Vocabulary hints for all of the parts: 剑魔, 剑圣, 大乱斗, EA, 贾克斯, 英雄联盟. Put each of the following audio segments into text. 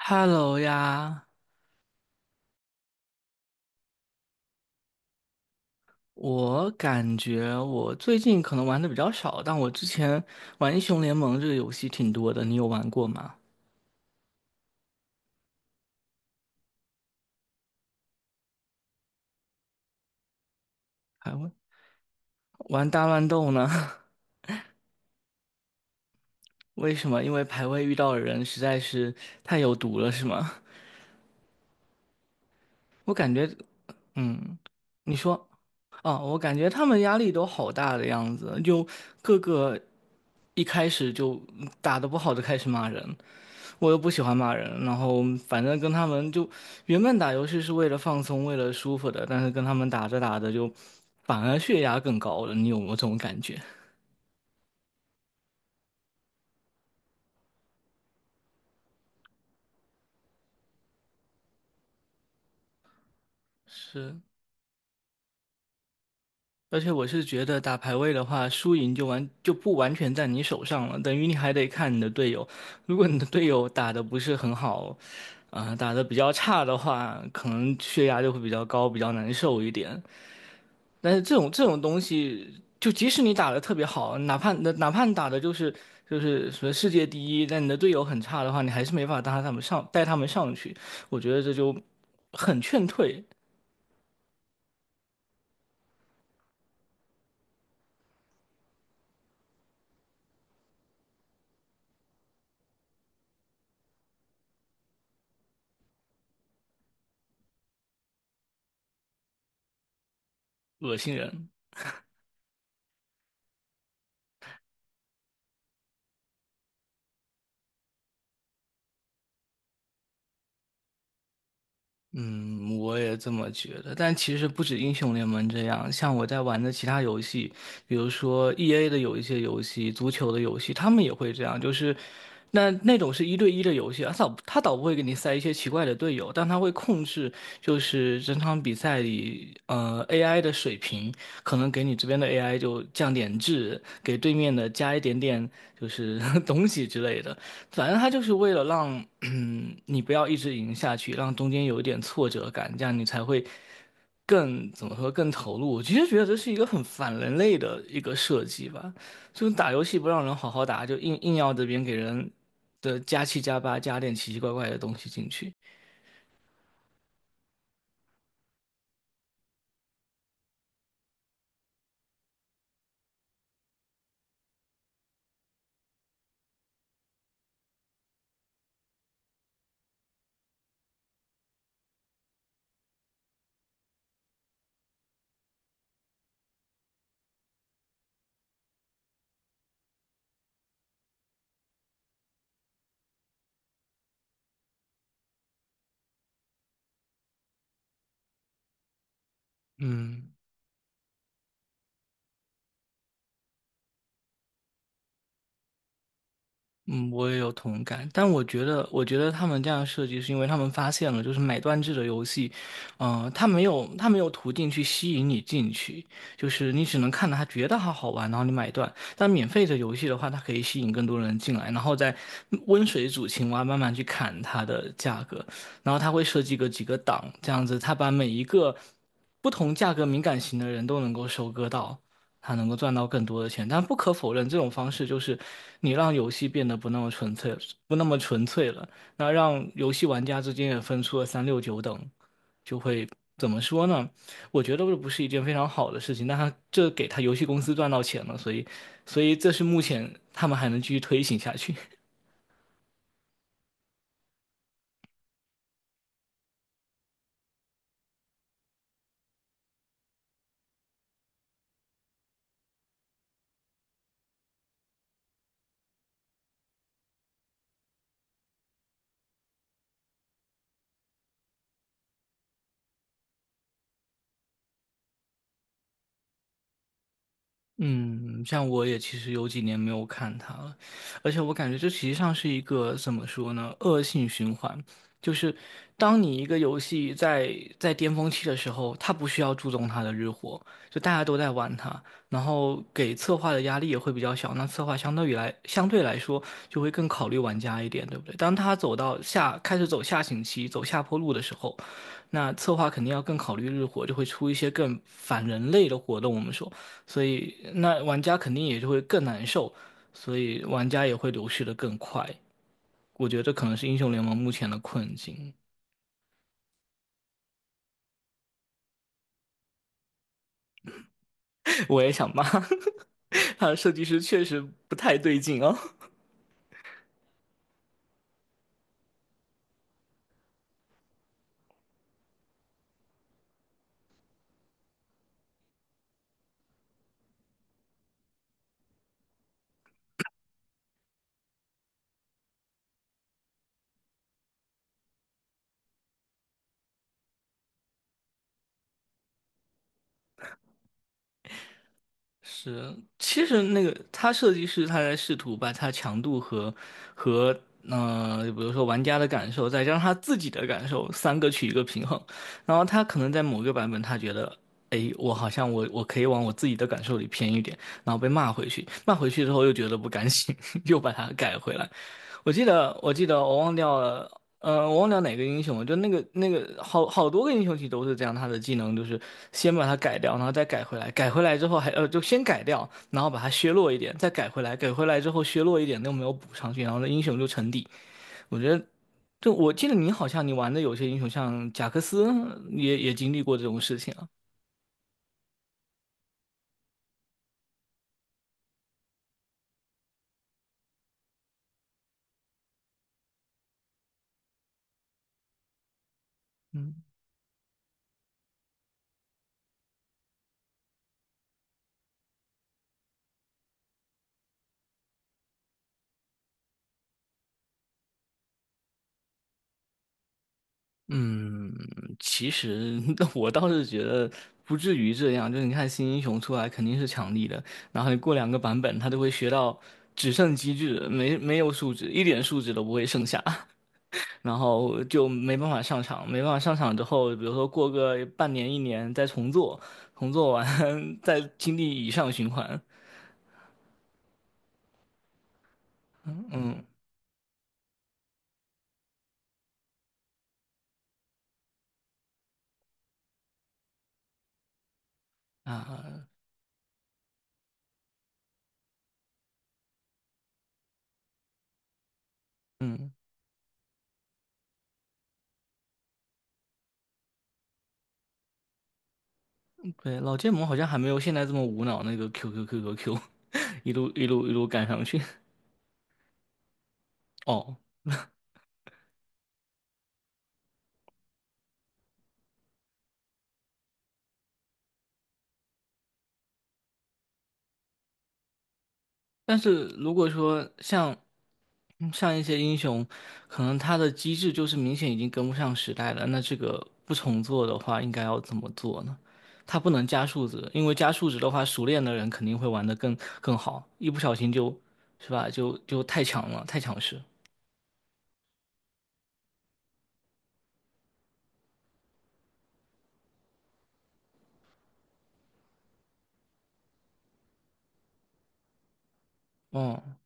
Hello 呀，我感觉我最近可能玩的比较少，但我之前玩英雄联盟这个游戏挺多的，你有玩过吗？还玩大乱斗呢？为什么？因为排位遇到的人实在是太有毒了，是吗？我感觉，嗯，你说，哦，我感觉他们压力都好大的样子，就各个一开始就打得不好就开始骂人。我又不喜欢骂人，然后反正跟他们就原本打游戏是为了放松，为了舒服的，但是跟他们打着打着就反而血压更高了，你有没有这种感觉？是，而且我是觉得打排位的话，输赢就不完全在你手上了，等于你还得看你的队友。如果你的队友打的不是很好，打的比较差的话，可能血压就会比较高，比较难受一点。但是这种东西，就即使你打得特别好，哪怕你打的就是什么世界第一，但你的队友很差的话，你还是没法带他们上去。我觉得这就很劝退，恶心人。嗯，我也这么觉得。但其实不止英雄联盟这样，像我在玩的其他游戏，比如说 EA 的有一些游戏，足球的游戏，他们也会这样。就是那种是一对一的游戏，他倒不会给你塞一些奇怪的队友，但他会控制，就是整场比赛里，AI 的水平，可能给你这边的 AI 就降点质，给对面的加一点点就是 东西之类的。反正他就是为了让你不要一直赢下去，让中间有一点挫折感，这样你才会更怎么说更投入。我其实觉得这是一个很反人类的一个设计吧，就是打游戏不让人好好打，就硬要这边给人的加七加八加点奇奇怪怪的东西进去。嗯，嗯，我也有同感，但我觉得，我觉得他们这样设计是因为他们发现了，就是买断制的游戏，他没有途径去吸引你进去，就是你只能看到它觉得它好玩，然后你买断。但免费的游戏的话，它可以吸引更多人进来，然后再温水煮青蛙，慢慢去砍它的价格，然后它会设计个几个档，这样子，它把每一个不同价格敏感型的人都能够收割到。他能够赚到更多的钱。但不可否认，这种方式就是你让游戏变得不那么纯粹，不那么纯粹了。那让游戏玩家之间也分出了三六九等，就会怎么说呢？我觉得这不是一件非常好的事情。但他这给他游戏公司赚到钱了，所以这是目前他们还能继续推行下去。嗯，像我也其实有几年没有看它了，而且我感觉这实际上是一个怎么说呢，恶性循环。就是当你一个游戏在巅峰期的时候，它不需要注重它的日活，就大家都在玩它，然后给策划的压力也会比较小。那策划相对来说就会更考虑玩家一点，对不对？当他走到下开始走下行期、走下坡路的时候，那策划肯定要更考虑日活，就会出一些更反人类的活动。我们说。所以那玩家肯定也就会更难受，所以玩家也会流失的更快。我觉得这可能是英雄联盟目前的困境。我也想骂 他的设计师确实不太对劲哦。是，其实那个他设计师他在试图把它强度和比如说玩家的感受，再加上他自己的感受，三个取一个平衡。然后他可能在某个版本，他觉得，哎，我好像我可以往我自己的感受里偏一点，然后被骂回去，骂回去之后又觉得不甘心，又把它改回来。我记得，我记得,我忘掉了，我忘掉哪个英雄了，就那个好多个英雄其实都是这样，他的技能就是先把它改掉，然后再改回来，改回来之后还就先改掉，然后把它削弱一点，再改回来，改回来之后削弱一点，又没有补上去，然后那英雄就沉底。我觉得，就我记得你好像你玩的有些英雄像贾克斯也经历过这种事情啊，嗯。嗯，其实 我倒是觉得不至于这样。就是你看新英雄出来肯定是强力的，然后你过两个版本，他就会学到只剩机制，没有数值，一点数值都不会剩下，然后就没办法上场。没办法上场之后，比如说过个半年一年再重做，重做完 再经历以上循环啊。嗯，对，老剑魔好像还没有现在这么无脑那个 QQQQQ,一路一路一路赶上去。哦，但是如果说像一些英雄，可能他的机制就是明显已经跟不上时代了，那这个不重做的话，应该要怎么做呢？他不能加数值，因为加数值的话，熟练的人肯定会玩的更好，一不小心就，是吧？就太强了，太强势。嗯，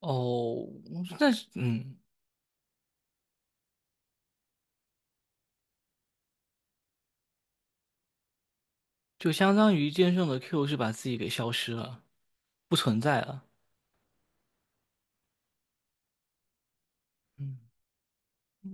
哦，但是就相当于剑圣的 Q 是把自己给消失了，不存在了。嗯。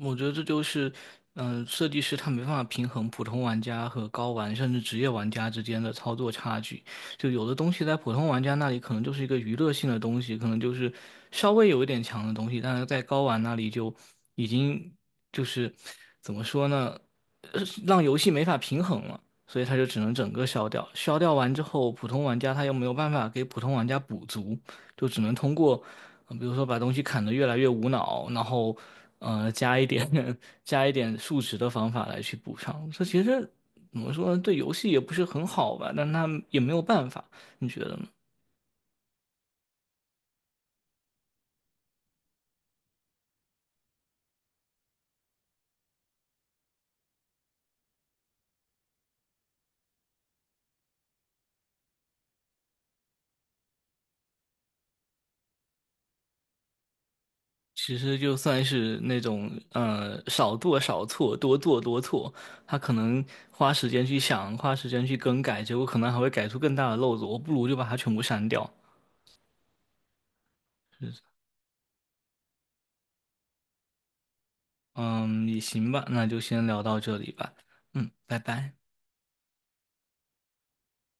我觉得这就是，设计师他没办法平衡普通玩家和高玩甚至职业玩家之间的操作差距。就有的东西在普通玩家那里可能就是一个娱乐性的东西，可能就是稍微有一点强的东西，但是在高玩那里就已经就是怎么说呢，让游戏没法平衡了，所以他就只能整个消掉。消掉完之后，普通玩家他又没有办法给普通玩家补足，就只能通过比如说把东西砍的越来越无脑，然后加一点 加一点数值的方法来去补上。这其实怎么说呢，对游戏也不是很好吧，但他也没有办法，你觉得呢？其实就算是那种少做少错，多做多错，他可能花时间去想，花时间去更改，结果可能还会改出更大的漏子。我不如就把它全部删掉。嗯，也行吧，那就先聊到这里吧。嗯，拜拜。